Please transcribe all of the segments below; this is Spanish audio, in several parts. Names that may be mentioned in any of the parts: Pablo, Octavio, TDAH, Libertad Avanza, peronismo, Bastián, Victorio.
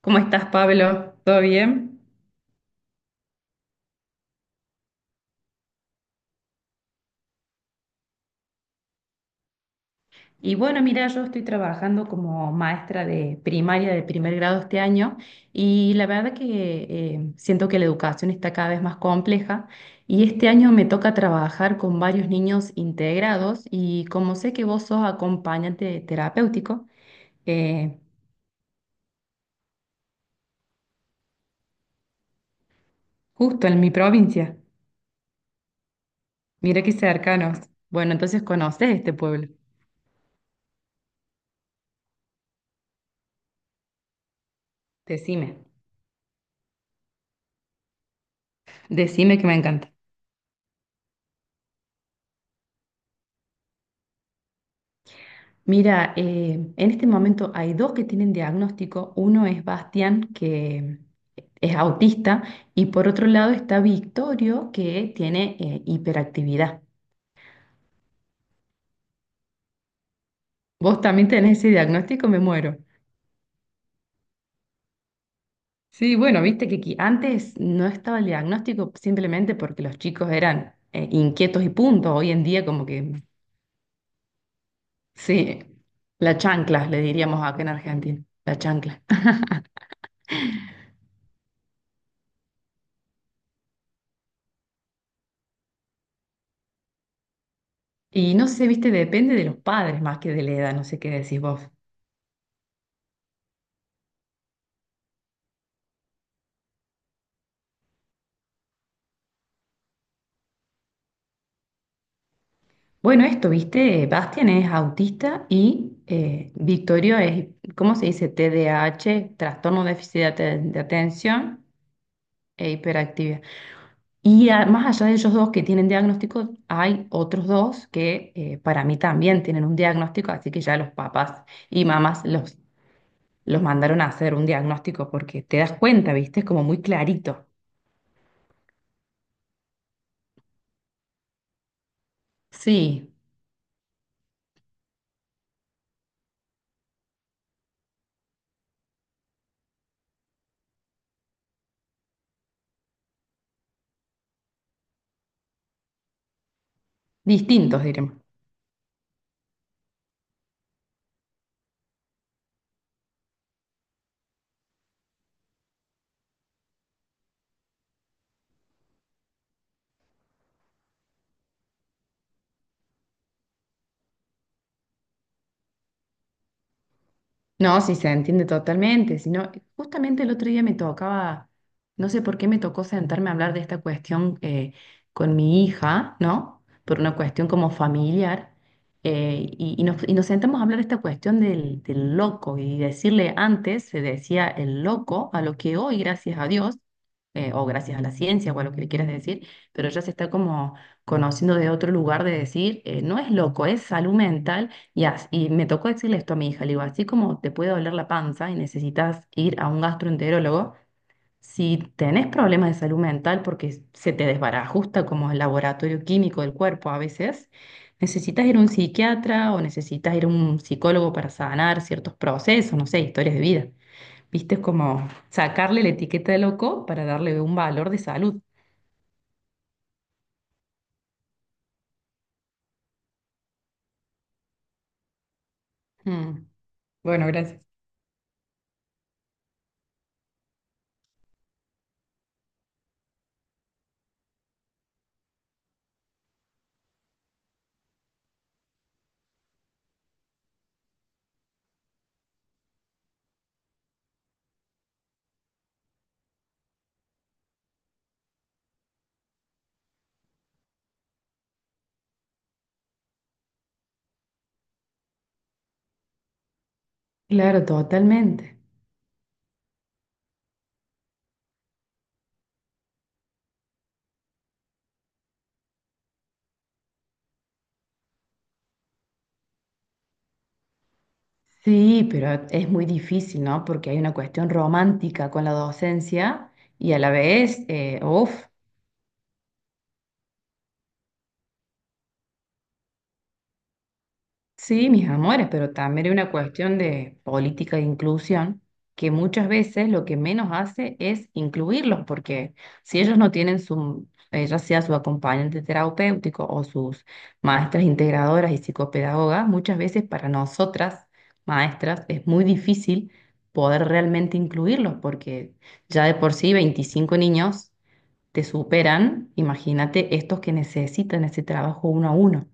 ¿Cómo estás, Pablo? ¿Todo bien? Y bueno, mira, yo estoy trabajando como maestra de primaria de primer grado este año y la verdad que siento que la educación está cada vez más compleja y este año me toca trabajar con varios niños integrados y como sé que vos sos acompañante terapéutico, eh, justo en mi provincia, mira qué cercanos. Bueno, entonces conoces este pueblo. Decime, decime que me encanta. Mira, en este momento hay dos que tienen diagnóstico. Uno es Bastián, que es autista, y por otro lado está Victorio, que tiene hiperactividad. ¿Vos también tenés ese diagnóstico? Me muero. Sí, bueno, viste que antes no estaba el diagnóstico simplemente porque los chicos eran inquietos y punto. Hoy en día como que, sí, la chancla, le diríamos acá en Argentina, la chancla. Y no sé, viste, depende de los padres más que de la edad, no sé qué decís vos. Bueno, esto, viste, Bastian es autista y Victorio es, ¿cómo se dice? TDAH, trastorno de déficit de, de atención e hiperactividad. Más allá de ellos dos que tienen diagnósticos, hay otros dos que para mí también tienen un diagnóstico, así que ya los papás y mamás los mandaron a hacer un diagnóstico porque te das cuenta, viste, es como muy clarito. Sí, distintos, diremos. No, sí, se entiende totalmente, sino justamente el otro día me tocaba, no sé por qué me tocó sentarme a hablar de esta cuestión con mi hija, ¿no? Por una cuestión como familiar, y nos sentamos a hablar de esta cuestión del loco y decirle antes, se decía el loco, a lo que hoy, gracias a Dios, o gracias a la ciencia o a lo que le quieras decir, pero ya se está como conociendo de otro lugar de decir, no es loco, es salud mental y me tocó decirle esto a mi hija, le digo, así como te puede doler la panza y necesitas ir a un gastroenterólogo, si tenés problemas de salud mental porque se te desbarajusta como el laboratorio químico del cuerpo a veces, necesitas ir a un psiquiatra o necesitas ir a un psicólogo para sanar ciertos procesos, no sé, historias de vida. Viste, es como sacarle la etiqueta de loco para darle un valor de salud. Mm, bueno, gracias. Claro, totalmente. Sí, pero es muy difícil, ¿no? Porque hay una cuestión romántica con la docencia y a la vez, uff, sí, mis amores, pero también hay una cuestión de política de inclusión que muchas veces lo que menos hace es incluirlos, porque si ellos no tienen su, ya sea su acompañante terapéutico o sus maestras integradoras y psicopedagogas, muchas veces para nosotras, maestras, es muy difícil poder realmente incluirlos, porque ya de por sí 25 niños te superan, imagínate estos que necesitan ese trabajo uno a uno.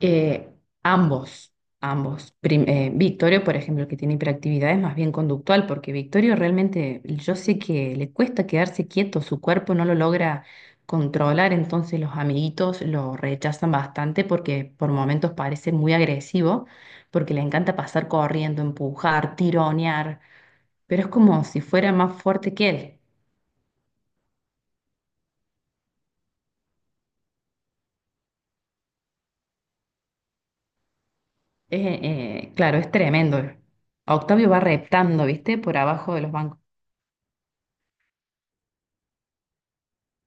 Eh, ambos, ambos. Victorio, por ejemplo, que tiene hiperactividad, es más bien conductual, porque Victorio realmente, yo sé que le cuesta quedarse quieto, su cuerpo no lo logra controlar, entonces los amiguitos lo rechazan bastante porque por momentos parece muy agresivo, porque le encanta pasar corriendo, empujar, tironear, pero es como si fuera más fuerte que él. Claro, es tremendo. A Octavio va reptando, ¿viste? Por abajo de los bancos.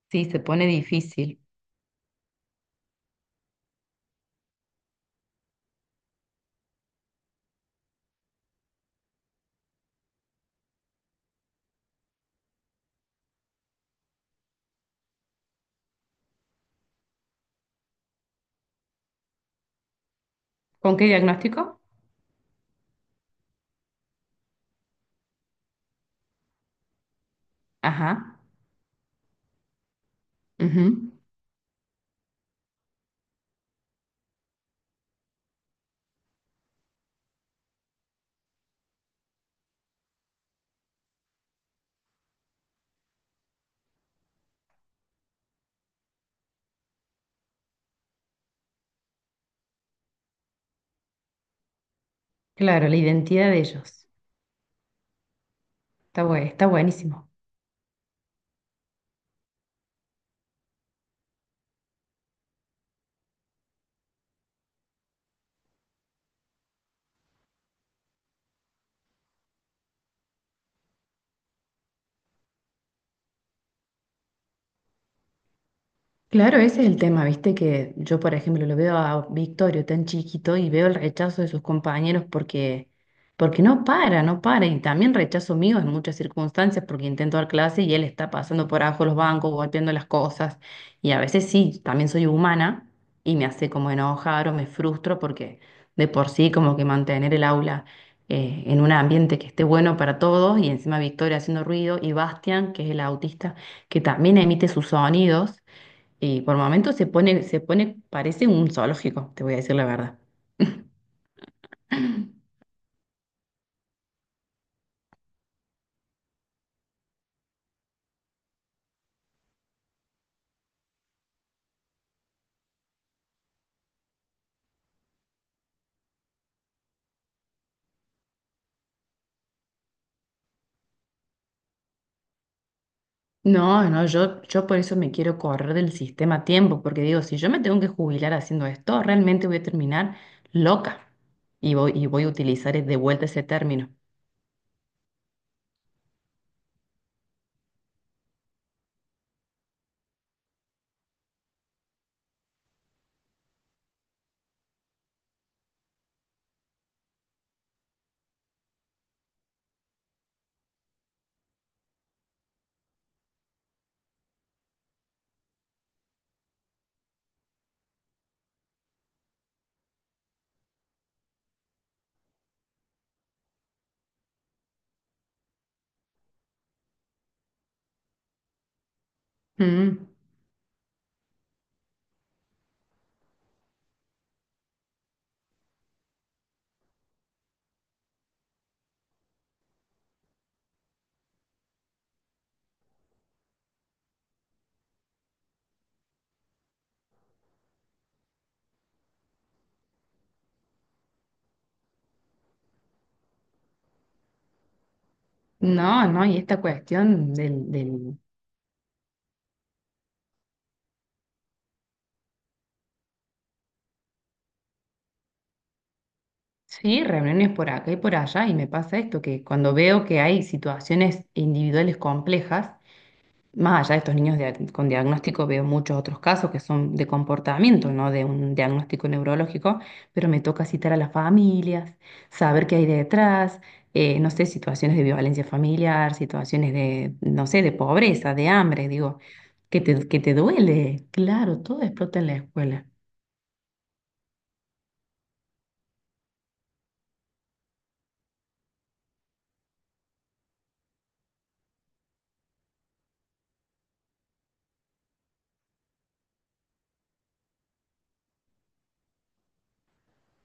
Sí, se pone difícil. ¿Con qué diagnóstico? Ajá, ujú. Claro, la identidad de ellos. Está buenísimo. Claro, ese es el tema, viste que yo, por ejemplo, lo veo a Victorio tan chiquito y veo el rechazo de sus compañeros porque, porque no para, no para, y también rechazo mío en muchas circunstancias porque intento dar clase y él está pasando por abajo los bancos, golpeando las cosas, y a veces sí, también soy humana y me hace como enojar o me frustro porque de por sí como que mantener el aula en un ambiente que esté bueno para todos y encima Victoria haciendo ruido y Bastian, que es el autista, que también emite sus sonidos. Y por momentos se pone, parece un zoológico, te voy a decir la verdad. No, no, yo por eso me quiero correr del sistema a tiempo, porque digo, si yo me tengo que jubilar haciendo esto, realmente voy a terminar loca. Y voy a utilizar de vuelta ese término. Mm. No, no, y esta cuestión del... Sí, reuniones por acá y por allá, y me pasa esto, que cuando veo que hay situaciones individuales complejas, más allá de estos niños con diagnóstico, veo muchos otros casos que son de comportamiento, no de un diagnóstico neurológico, pero me toca citar a las familias, saber qué hay detrás, no sé, situaciones de violencia familiar, situaciones de, no sé, de pobreza, de hambre, digo, que te duele. Claro, todo explota en la escuela.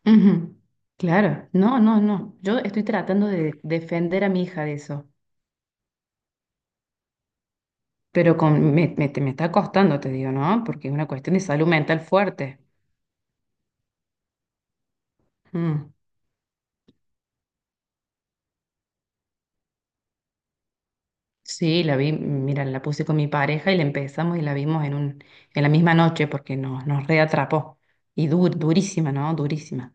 Ujú, claro, no, no, no. Yo estoy tratando de defender a mi hija de eso, pero con, me, te- me está costando, te digo, ¿no? Porque es una cuestión de salud mental fuerte. Mm, sí, la vi, mira, la puse con mi pareja y la empezamos y la vimos en un, en la misma noche porque nos reatrapó. Y durísima, ¿no? Durísima.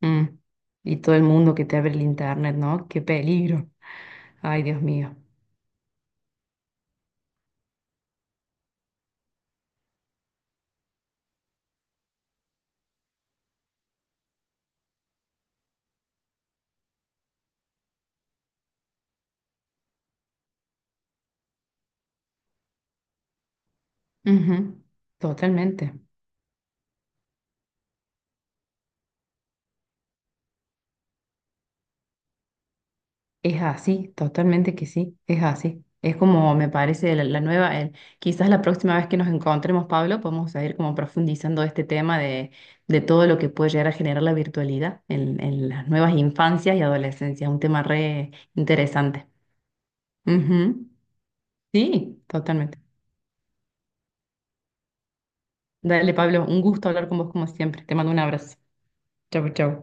Mm, y todo el mundo que te abre el internet, ¿no? Qué peligro. Ay, Dios mío. Ujú, totalmente. Es así, totalmente que sí, es así. Es como me parece la nueva, quizás la próxima vez que nos encontremos, Pablo, podemos seguir como profundizando este tema de todo lo que puede llegar a generar la virtualidad en las nuevas infancias y adolescencias, un tema re interesante. Ujú. Sí, totalmente. Dale, Pablo, un gusto hablar con vos como siempre. Te mando un abrazo. Chau, chau.